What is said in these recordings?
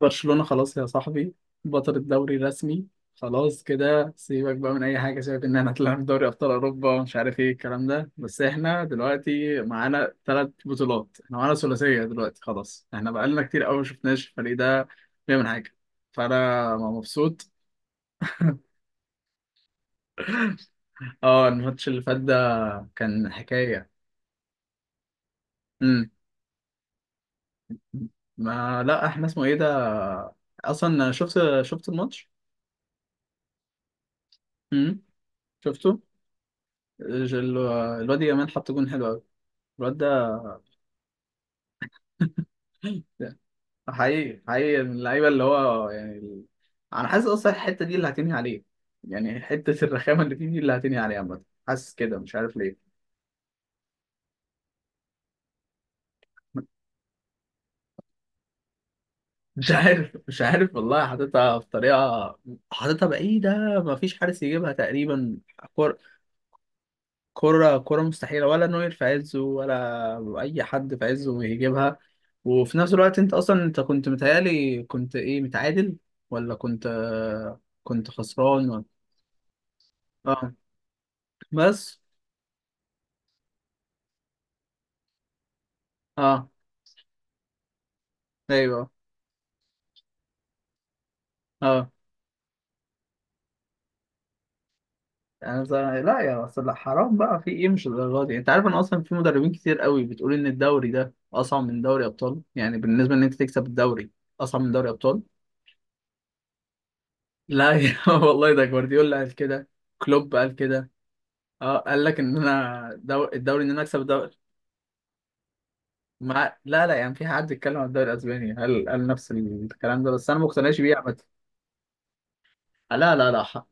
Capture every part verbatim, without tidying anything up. برشلونة خلاص يا صاحبي، بطل الدوري رسمي. خلاص كده، سيبك بقى من اي حاجه، سيبك ان احنا طلعنا في دوري ابطال اوروبا ومش عارف ايه الكلام ده. بس احنا دلوقتي معانا ثلاث بطولات، احنا معانا ثلاثيه دلوقتي، خلاص. احنا بقالنا كتير قوي ما شفناش الفريق ده بيعمل حاجه، فانا مبسوط. اه الماتش اللي فات ده كان حكايه. امم ما لا احنا اسمه ايه ده، اصلا شفت شفت الماتش. امم شفته. ج- ال- الواد يامال حط جون حلو قوي، الواد ده. حقيقي حقيقي، من اللعيبه اللي هو يعني ال... انا حاسس اصلا الحته دي اللي هتنهي عليه، يعني حته الرخامه اللي فيه دي اللي هتنهي عليه عامه، حاسس كده مش عارف ليه. مش عارف مش عارف والله، حاططها بطريقه، حاططها بعيده، ما فيش حارس يجيبها تقريبا. كرة، كرة كرة مستحيلة، ولا نوير في عزه ولا أي حد في عزه يجيبها. وفي نفس الوقت، أنت أصلا أنت كنت متهيألي كنت إيه، متعادل ولا كنت، كنت خسران ولا؟ آه. بس. آه. ايوه. اه. يعني ز- لا يا بس لا، حرام بقى، في ايه، مش الدرجه دي. انت عارف ان اصلا في مدربين كتير قوي بتقول ان الدوري ده اصعب من دوري ابطال، يعني بالنسبه ان انت تكسب الدوري اصعب من دوري ابطال. لا يا والله ده جوارديولا قال كده، كلوب قال كده. اه قال لك ان انا دو... الدوري، ان انا اكسب الدوري. مع... لا لا، يعني في حد اتكلم عن الدوري الاسباني، قال قال نفس الكلام ده، بس انا ما مقتنعش بيه عامه. لا لا لا.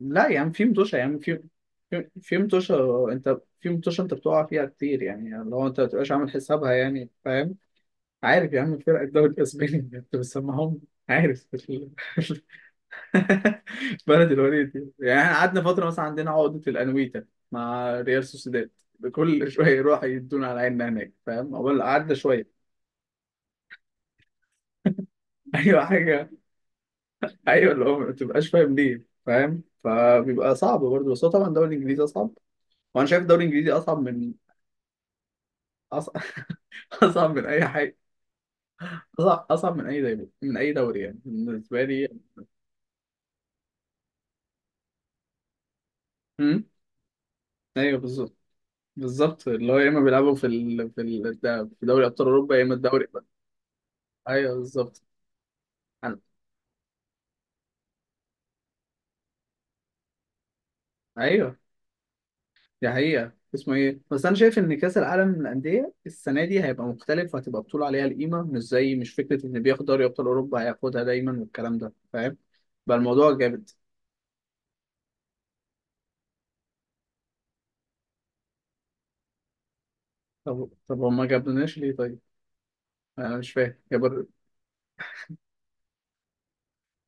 لا يعني في متوشة، يعني في، في في متوشة، انت في متوشة انت بتقع فيها كتير، يعني لو انت ما تبقاش عامل حسابها، يعني فاهم. عارف يا عم فرق الدوري الاسباني؟ انت بتسمعهم؟ عارف ال- بلد الوليد دي. يعني احنا قعدنا فترة مثلا عندنا عقدة الانويتا مع ريال سوسيداد. كل شوية يروح يدونا على عيننا هناك، فاهم، اول قعدنا شوية. ايوه حاجة. ايوه، اللي هو ما تبقاش فاهم ليه، فاهم، فبيبقى صعب برضه. بس هو طبعا الدوري الانجليزي اصعب، وانا شايف الدوري الانجليزي اصعب من أص... اصعب من اي حاجه. اصعب اصعب من اي دوري، من اي دوري يعني بالنسبه لي. امم ايوه بالظبط. بالظبط، اللي هو يا اما بيلعبوا في ال... في ال... ده- في دوري ابطال اوروبا، يا اما الدوري بقى. ايوه بالظبط. أنا... ايوه دي حقيقه اسمه ايه. بس انا شايف ان كاس العالم للانديه السنه دي هيبقى مختلف، وهتبقى بطوله عليها القيمه، مش زي مش فكره ان بياخد دوري ابطال اوروبا هياخدها دايما والكلام ده، فاهم. بقى الموضوع جامد. طب طب هما ما جابناش ليه طيب؟ انا مش فاهم، جابوا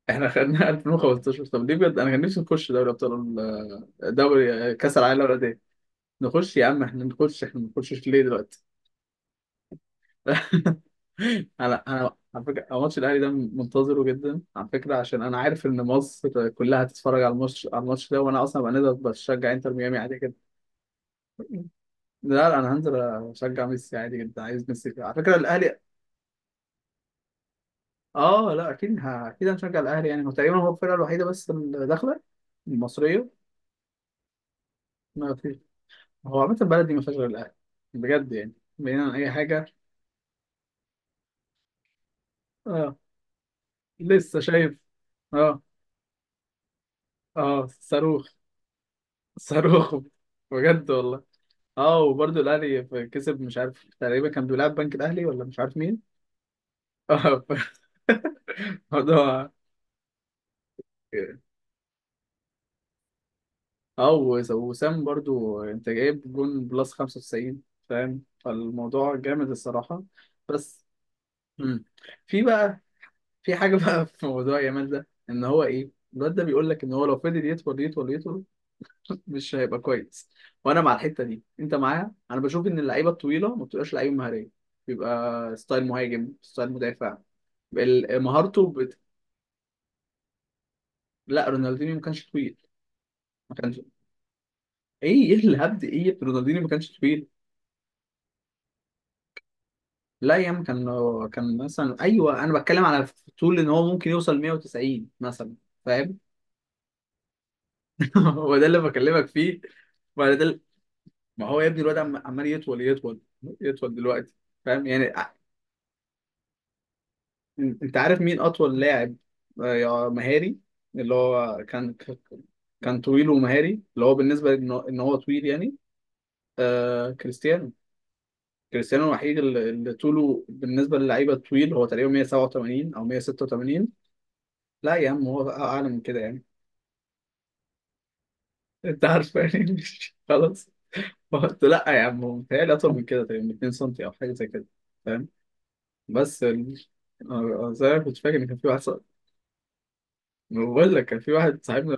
احنا خدنا ألفين وخمستاشر. طب ليه بجد، انا كان نفسي نخش دوري ابطال، ال- دوري آه، كاس العالم للانديه. نخش يا عم احنا، نخش، احنا ما نخشش ليه دلوقتي؟ انا انا على فكره، أنا ماتش الاهلي ده منتظره جدا على فكره، عشان انا عارف ان مصر كلها هتتفرج على الماتش، على الماتش ده، وانا اصلا بقى نقدر بشجع انتر ميامي عادي كده. لا لا، انا هنزل اشجع ميسي عادي جدا، عايز ميسي، على فكره الاهلي. اه لا اكيد ه... اكيد هنشجع الاهلي، يعني هو تقريبا هو الفرقه الوحيده بس اللي داخله المصريه. ما فيش. هو عامة البلد دي ما فيهاش غير الأهلي، بجد يعني، بعيدا عن أي حاجة. اه لسه شايف. اه. اه صاروخ. صاروخ بجد والله. اه وبرضه الأهلي في- كسب، مش عارف تقريبا كان بيلعب بنك الأهلي ولا مش عارف مين. اه. الموضوع. اه وس- وسام برضه أنت جايب جون بلس خمسة وتسعين، فاهم، فالموضوع جامد الصراحة. بس مم. في بقى، في حاجة بقى في موضوع يامال ده، إن هو إيه، الواد ده بيقول لك ان هو لو فضل يطول يطول يطول مش هيبقى كويس. وانا مع الحته دي، انت معايا، انا بشوف ان اللعيبه الطويله ما بتبقاش لعيبه مهاريه، بيبقى ستايل مهاجم، ستايل مدافع، ال- مهارته بت... لا رونالدينيو ما كانش طويل. ما كانش. ايه ايه الهبد، ايه رونالدينيو ما كانش طويل؟ لا يا عم كان، كان مثلا، ايوه انا بتكلم على طول ان هو ممكن يوصل مية وتسعين مثلا، فاهم. هو ده اللي بكلمك فيه. ما ده، ما هو يا ابني الواد عم- عمال يطول يطول يطول دلوقتي، فاهم يعني. انت عارف مين اطول لاعب آه، يا مهاري، اللي هو كان، كان طويل ومهاري، اللي هو بالنسبه ان هو، إن هو طويل يعني؟ آه كريستيانو. كريستيانو الوحيد اللي اللي طوله بالنسبه للعيبه الطويل، هو تقريبا مية وسبعة وثمانين او مية وستة وثمانين. لا يا عم هو بقى اعلى من كده يعني. انت عارف يعني مش- خلاص، قلت لا يا عم هو متهيألي اطول من كده تقريبا اتنين سم او حاجه زي كده، فاهم. بس ال... آه، آه، زي ما كنت فاكر ان كان في واحد صاحبي، بقول لك كان في واحد صاحبنا،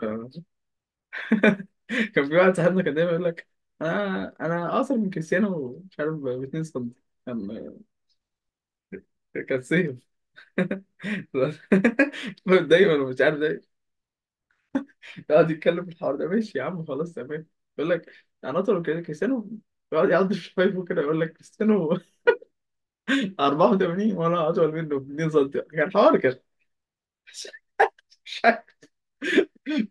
كان في واحد صاحبنا، كان دايما يقول لك انا انا اقصر من كريستيانو مش عارف ب اتنين سم. كان، كان سيف. دايما ومش عارف ده، يقعد يتكلم في الحوار ده. ماشي يا عم خلاص تمام. يقول لك انا اطول من كريستيانو. يقعد يقعد في شفايفه كده يقول لك كريستيانو أربعة وثمانين وانا اطول منه ب اتنين سم. كان حوار كده. مش،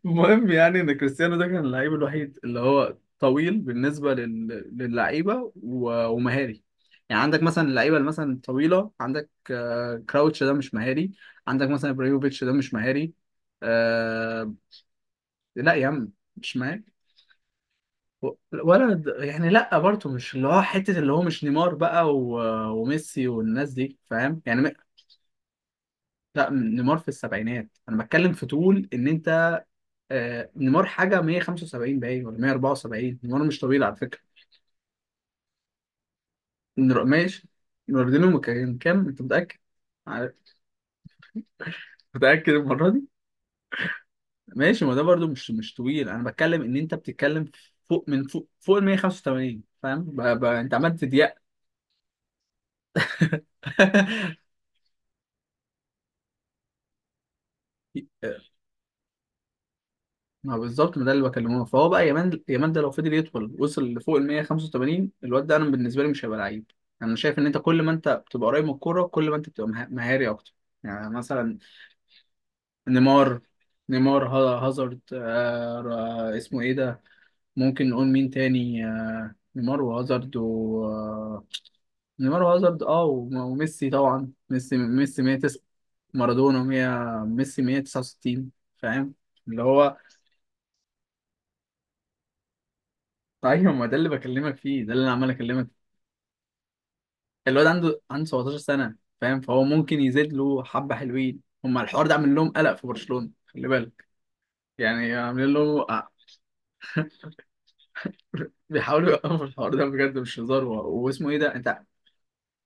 المهم يعني ان كريستيانو ده كان اللعيب الوحيد اللي هو طويل بالنسبه لل... للعيبه و... ومهاري. يعني عندك مثلا اللعيبه اللي مثلا طويله، عندك آه، كراوتش ده مش مهاري، عندك مثلا ابراهيموفيتش ده مش مهاري، آه... لا يا عم مش مهاري. و- ولا د- يعني لا برضه، مش اللي هو حته اللي هو، مش نيمار بقى و... وميسي والناس دي، فاهم يعني م- لا نيمار في السبعينات، انا بتكلم في طول ان انت آه، نيمار حاجه مية وخمسة وسبعين باين ولا مية وأربعة وسبعين، نيمار مش طبيعي على فكره. نر- ماشي. رونالدينو كان كام، انت متاكد؟ عارف- متاكد المره دي؟ ماشي، ما ده برضو مش، مش طويل، انا بتكلم ان انت بتتكلم فوق من فوق، فوق ال مية وخمسة وثمانين، فاهم ب... ب... انت عمال تضيق. ما بالظبط، ما ده اللي بكلمه، فهو بقى يمان يمان ده لو فضل يدخل وصل لفوق ال مية وخمسة وثمانين، الواد ده انا بالنسبه لي مش هيبقى لعيب. انا شايف ان انت كل ما انت بتبقى قريب من الكوره كل ما انت بتبقى مه- مهاري اكتر. يعني مثلا نيمار، نيمار ها- هازارد، آه را- اسمه ايه ده، ممكن نقول مين تاني، آه نيمار وهازارد و آه، نيمار وهازارد اه وم- وميسي طبعا، ميسي ميسي مية وتسعة، مارادونا مية، ميسي مية وتسعة وستين، فاهم اللي هو. ايوه ما ده اللي بكلمك فيه، ده اللي انا عمال اكلمك. الواد عنده عنده سبعتاشر سنة، فاهم، فهو ممكن يزيد له حبة. حلوين هما، الحوار ده عامل لهم قلق في برشلونة، خلي بالك، يعني عاملين له، بيحاولوا يوقفوا الحوار ده بجد مش هزار. و- واسمه ايه ده، انت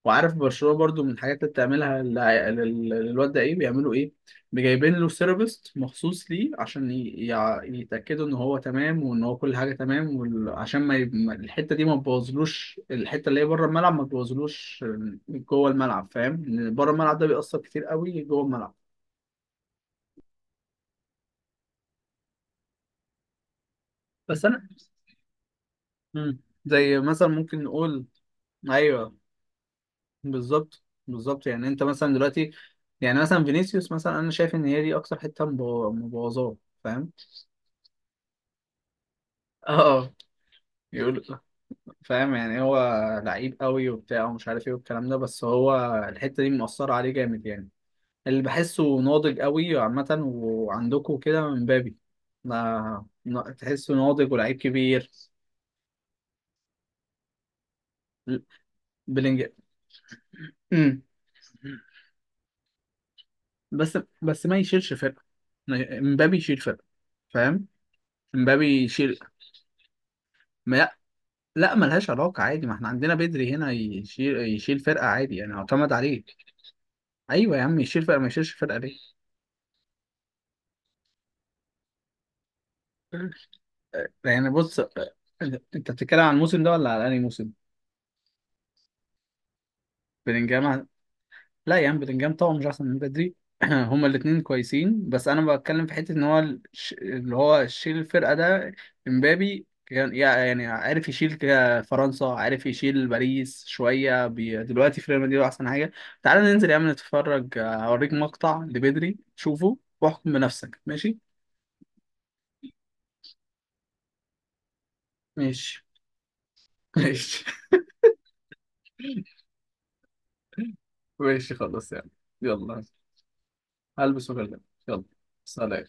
وعارف برشلونة برضو من الحاجات اللي بتعملها للع- لل- للواد ده ايه، بيعملوا ايه، جايبين له سيرابيست مخصوص ليه عشان ي- يع- يتأكدوا ان هو تمام، وان هو كل حاجة تمام، وال- عشان ما ي- ما- الحتة دي ما تبوظلوش، الحتة اللي هي بره الملعب ما تبوظلوش جوه الملعب، فاهم، إن بره الملعب ده بيأثر كتير قوي جوه الملعب. بس انا مم. زي مثلا، ممكن نقول، ايوه بالظبط. بالظبط يعني انت مثلا دلوقتي، يعني مثلا فينيسيوس مثلا، انا شايف ان هي دي اكتر حته مبو- مبوظاه، فاهم. اه يقول، فاهم يعني هو لعيب قوي وبتاع ومش عارف ايه والكلام ده، بس هو الحته دي مأثره عليه جامد يعني، اللي بحسه ناضج قوي عامه، وعندكم كده من بابي، ما نا- تحسه ناضج ولعيب كبير. ل- بلينج مم. بس بس ما يشيلش فرقه، امبابي يشيل فرقه، فاهم، امبابي يشيل. ما لا، ملهاش علاقة عادي، ما احنا عندنا بدري هنا يشيل، يشيل فرقة عادي يعني، اعتمد عليك. ايوه يا عم يشيل فرقة، ما يشيلش فرقة ليه؟ يعني بص، انت بتتكلم عن الموسم ده ولا على انهي موسم؟ بلينجهام، لا يا عم بلينجهام طبعا مش احسن من بدري. هما الاثنين كويسين، بس انا بتكلم في حته ان هو الش- اللي هو شيل الفرقه ده، امبابي كان يع- يعني عارف يشيل ك- فرنسا، عارف يشيل باريس شويه بي... دلوقتي في ريال مدريد هو احسن حاجه. تعالى ننزل يا عم نتفرج، هوريك مقطع لبدري شوفه واحكم بنفسك، ماشي؟ ماشي. ماشي. ماشي خلاص يعني. يلا، هلبس وكلمك. يلا، سلام.